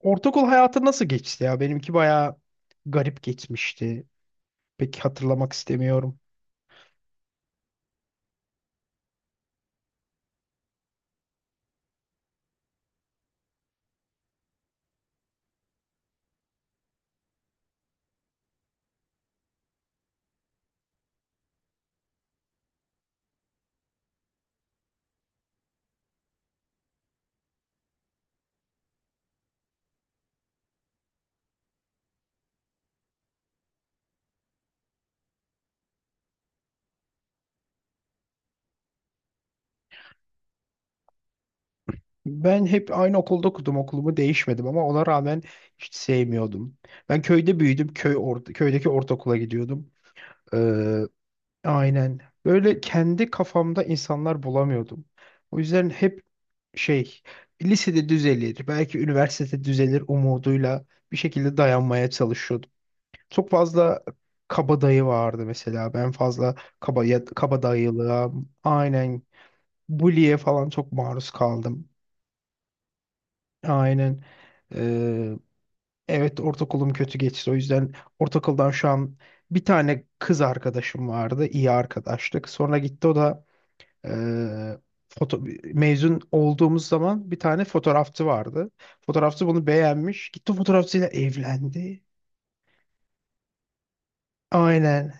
Ortaokul hayatı nasıl geçti ya? Benimki bayağı garip geçmişti. Pek hatırlamak istemiyorum. Ben hep aynı okulda okudum, okulumu değişmedim ama ona rağmen hiç sevmiyordum. Ben köyde büyüdüm, köydeki ortaokula gidiyordum. Ee, Aynen. Böyle kendi kafamda insanlar bulamıyordum. O yüzden hep şey lisede düzelir, belki üniversitede düzelir umuduyla bir şekilde dayanmaya çalışıyordum. Çok fazla kabadayı vardı mesela. Ben fazla kaba, kabadayılığa, aynen, bully'e falan çok maruz kaldım. Aynen. Ee, evet, ortaokulum kötü geçti. O yüzden ortaokuldan şu an bir tane kız arkadaşım vardı. İyi arkadaştık. Sonra gitti o da. Ee, foto, Mezun olduğumuz zaman bir tane fotoğrafçı vardı. Fotoğrafçı bunu beğenmiş. Gitti fotoğrafçıyla evlendi. Aynen.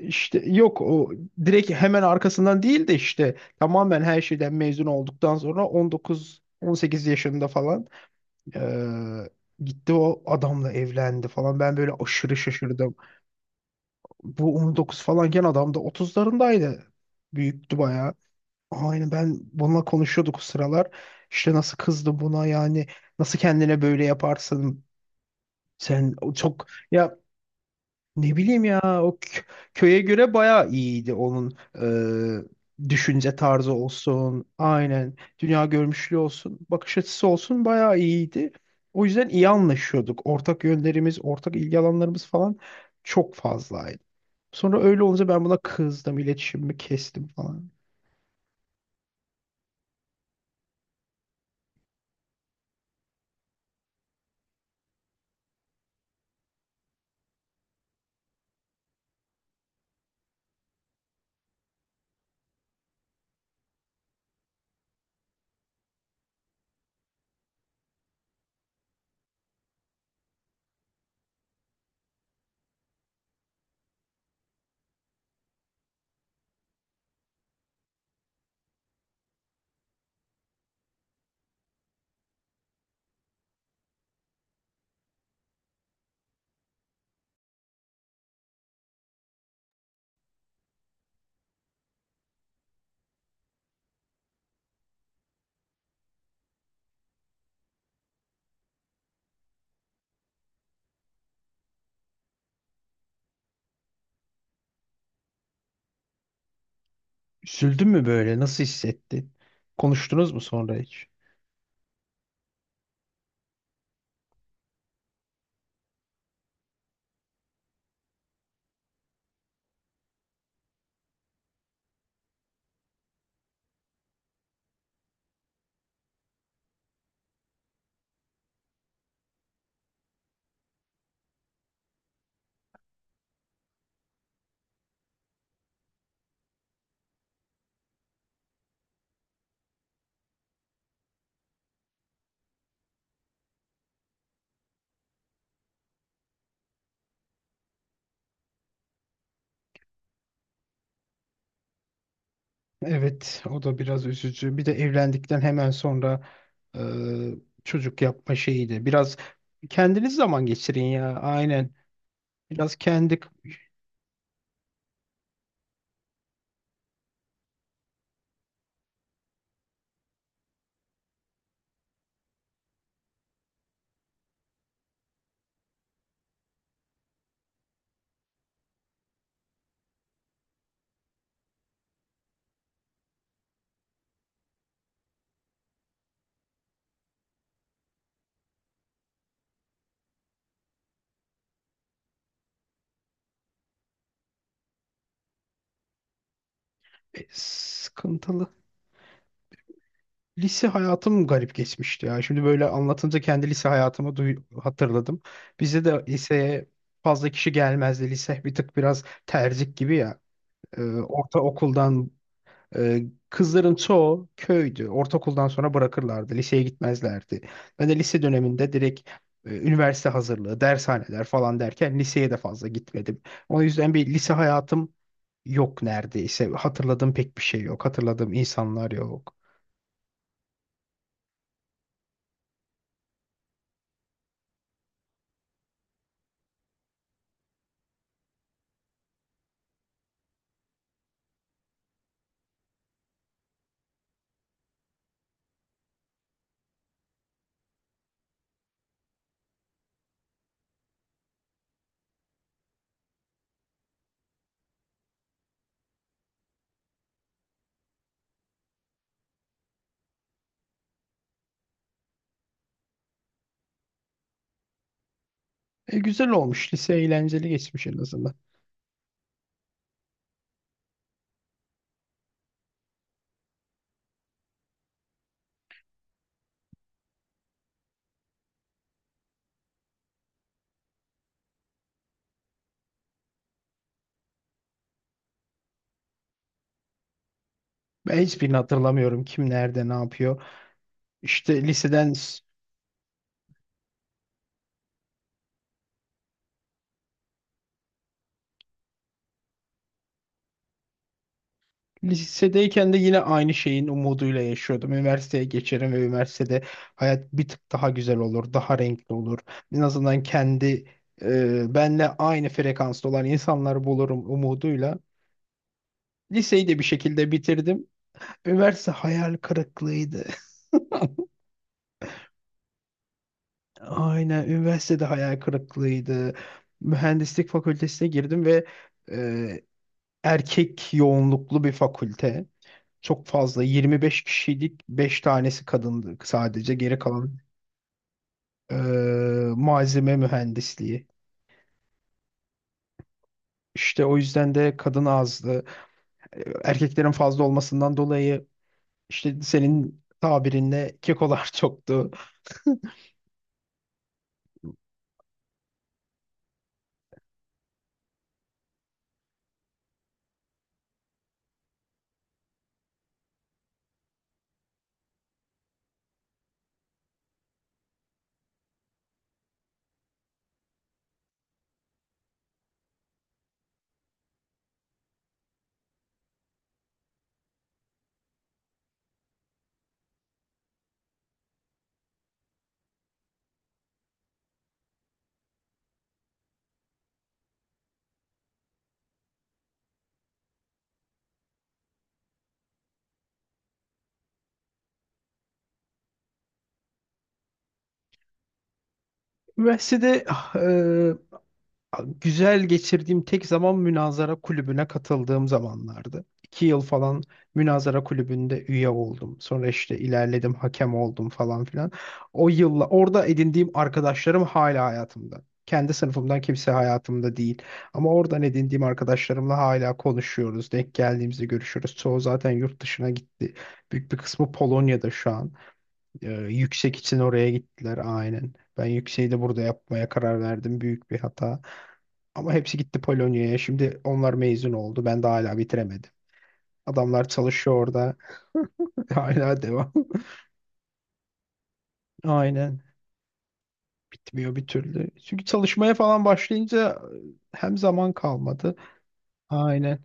İşte yok, o direkt hemen arkasından değil de işte tamamen her şeyden mezun olduktan sonra 19 18 yaşında falan, ee, gitti o adamla evlendi falan. Ben böyle aşırı şaşırdım. Bu 19 falanken adam da 30'larındaydı. Büyüktü bayağı. Aynen, ben bununla konuşuyorduk o sıralar. İşte nasıl kızdı buna yani, nasıl kendine böyle yaparsın sen, o çok ya, ne bileyim ya, köye göre bayağı iyiydi. Onun düşünce tarzı olsun, aynen, dünya görmüşlüğü olsun, bakış açısı olsun bayağı iyiydi. O yüzden iyi anlaşıyorduk. Ortak yönlerimiz, ortak ilgi alanlarımız falan çok fazlaydı. Sonra öyle olunca ben buna kızdım, iletişimimi kestim falan. Üzüldün mü böyle? Nasıl hissettin? Konuştunuz mu sonra hiç? Evet, o da biraz üzücü. Bir de evlendikten hemen sonra e, çocuk yapma şeyi de biraz, kendiniz zaman geçirin ya. Aynen. Biraz kendi Sıkıntılı. Lise hayatım garip geçmişti ya. Şimdi böyle anlatınca kendi lise hayatımı hatırladım. Bizde de liseye fazla kişi gelmezdi. Lise bir tık biraz tercih gibi ya. Ee, Ortaokuldan e, kızların çoğu köydü. Ortaokuldan sonra bırakırlardı. Liseye gitmezlerdi. Ben de lise döneminde direkt üniversite hazırlığı, dershaneler falan derken liseye de fazla gitmedim. O yüzden bir lise hayatım yok neredeyse. Hatırladığım pek bir şey yok. Hatırladığım insanlar yok. Güzel olmuş. Lise eğlenceli geçmiş en azından. Ben hiçbirini hatırlamıyorum. Kim nerede ne yapıyor. İşte lisedeyken de yine aynı şeyin umuduyla yaşıyordum. Üniversiteye geçerim ve üniversitede hayat bir tık daha güzel olur. Daha renkli olur. En azından benle aynı frekansta olan insanları bulurum umuduyla. Liseyi de bir şekilde bitirdim. Üniversite hayal kırıklığıydı. Aynen, üniversitede hayal kırıklığıydı. Mühendislik fakültesine girdim ve e, erkek yoğunluklu bir fakülte. Çok fazla, 25 kişilik, 5 tanesi kadındı sadece, geri kalan e, malzeme mühendisliği. İşte o yüzden de kadın azdı. Erkeklerin fazla olmasından dolayı işte senin tabirinle kekolar çoktu. Üniversitede güzel geçirdiğim tek zaman münazara kulübüne katıldığım zamanlardı. 2 yıl falan münazara kulübünde üye oldum. Sonra işte ilerledim, hakem oldum falan filan. O yılla orada edindiğim arkadaşlarım hala hayatımda. Kendi sınıfımdan kimse hayatımda değil. Ama oradan edindiğim arkadaşlarımla hala konuşuyoruz. Denk geldiğimizde görüşürüz. Çoğu zaten yurt dışına gitti. Büyük bir kısmı Polonya'da şu an. Yüksek için oraya gittiler aynen. Ben yükseği de burada yapmaya karar verdim. Büyük bir hata. Ama hepsi gitti Polonya'ya. Şimdi onlar mezun oldu. Ben daha hala bitiremedim. Adamlar çalışıyor orada. Hala devam. Aynen. Bitmiyor bir türlü. Çünkü çalışmaya falan başlayınca hem zaman kalmadı. Aynen.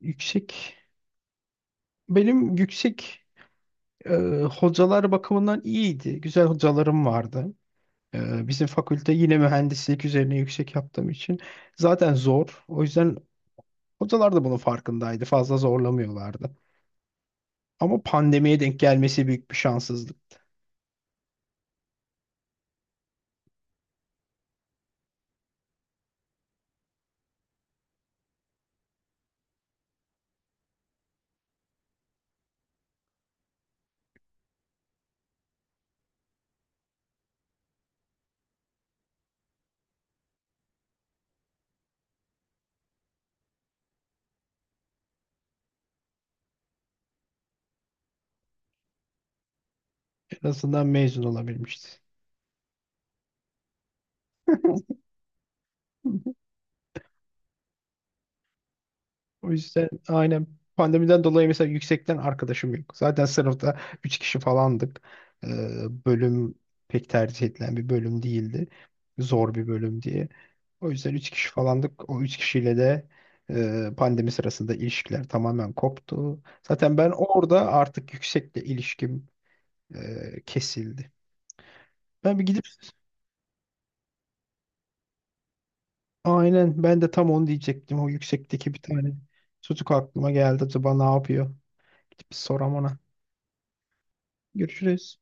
Yüksek. Benim e, hocalar bakımından iyiydi. Güzel hocalarım vardı. Bizim fakülte yine mühendislik üzerine yüksek yaptığım için zaten zor. O yüzden hocalar da bunun farkındaydı. Fazla zorlamıyorlardı. Ama pandemiye denk gelmesi büyük bir şanssızlık. En azından mezun olabilmişti. O yüzden aynen, pandemiden dolayı mesela yüksekten arkadaşım yok. Zaten sınıfta 3 kişi falandık. Ee, Bölüm pek tercih edilen bir bölüm değildi. Zor bir bölüm diye. O yüzden 3 kişi falandık. O 3 kişiyle de pandemi sırasında ilişkiler tamamen koptu. Zaten ben orada artık yüksekle ilişkim kesildi. Ben bir gidip Aynen, ben de tam onu diyecektim. O yüksekteki bir tane çocuk aklıma geldi. Acaba ne yapıyor? Gidip bir soram ona. Görüşürüz.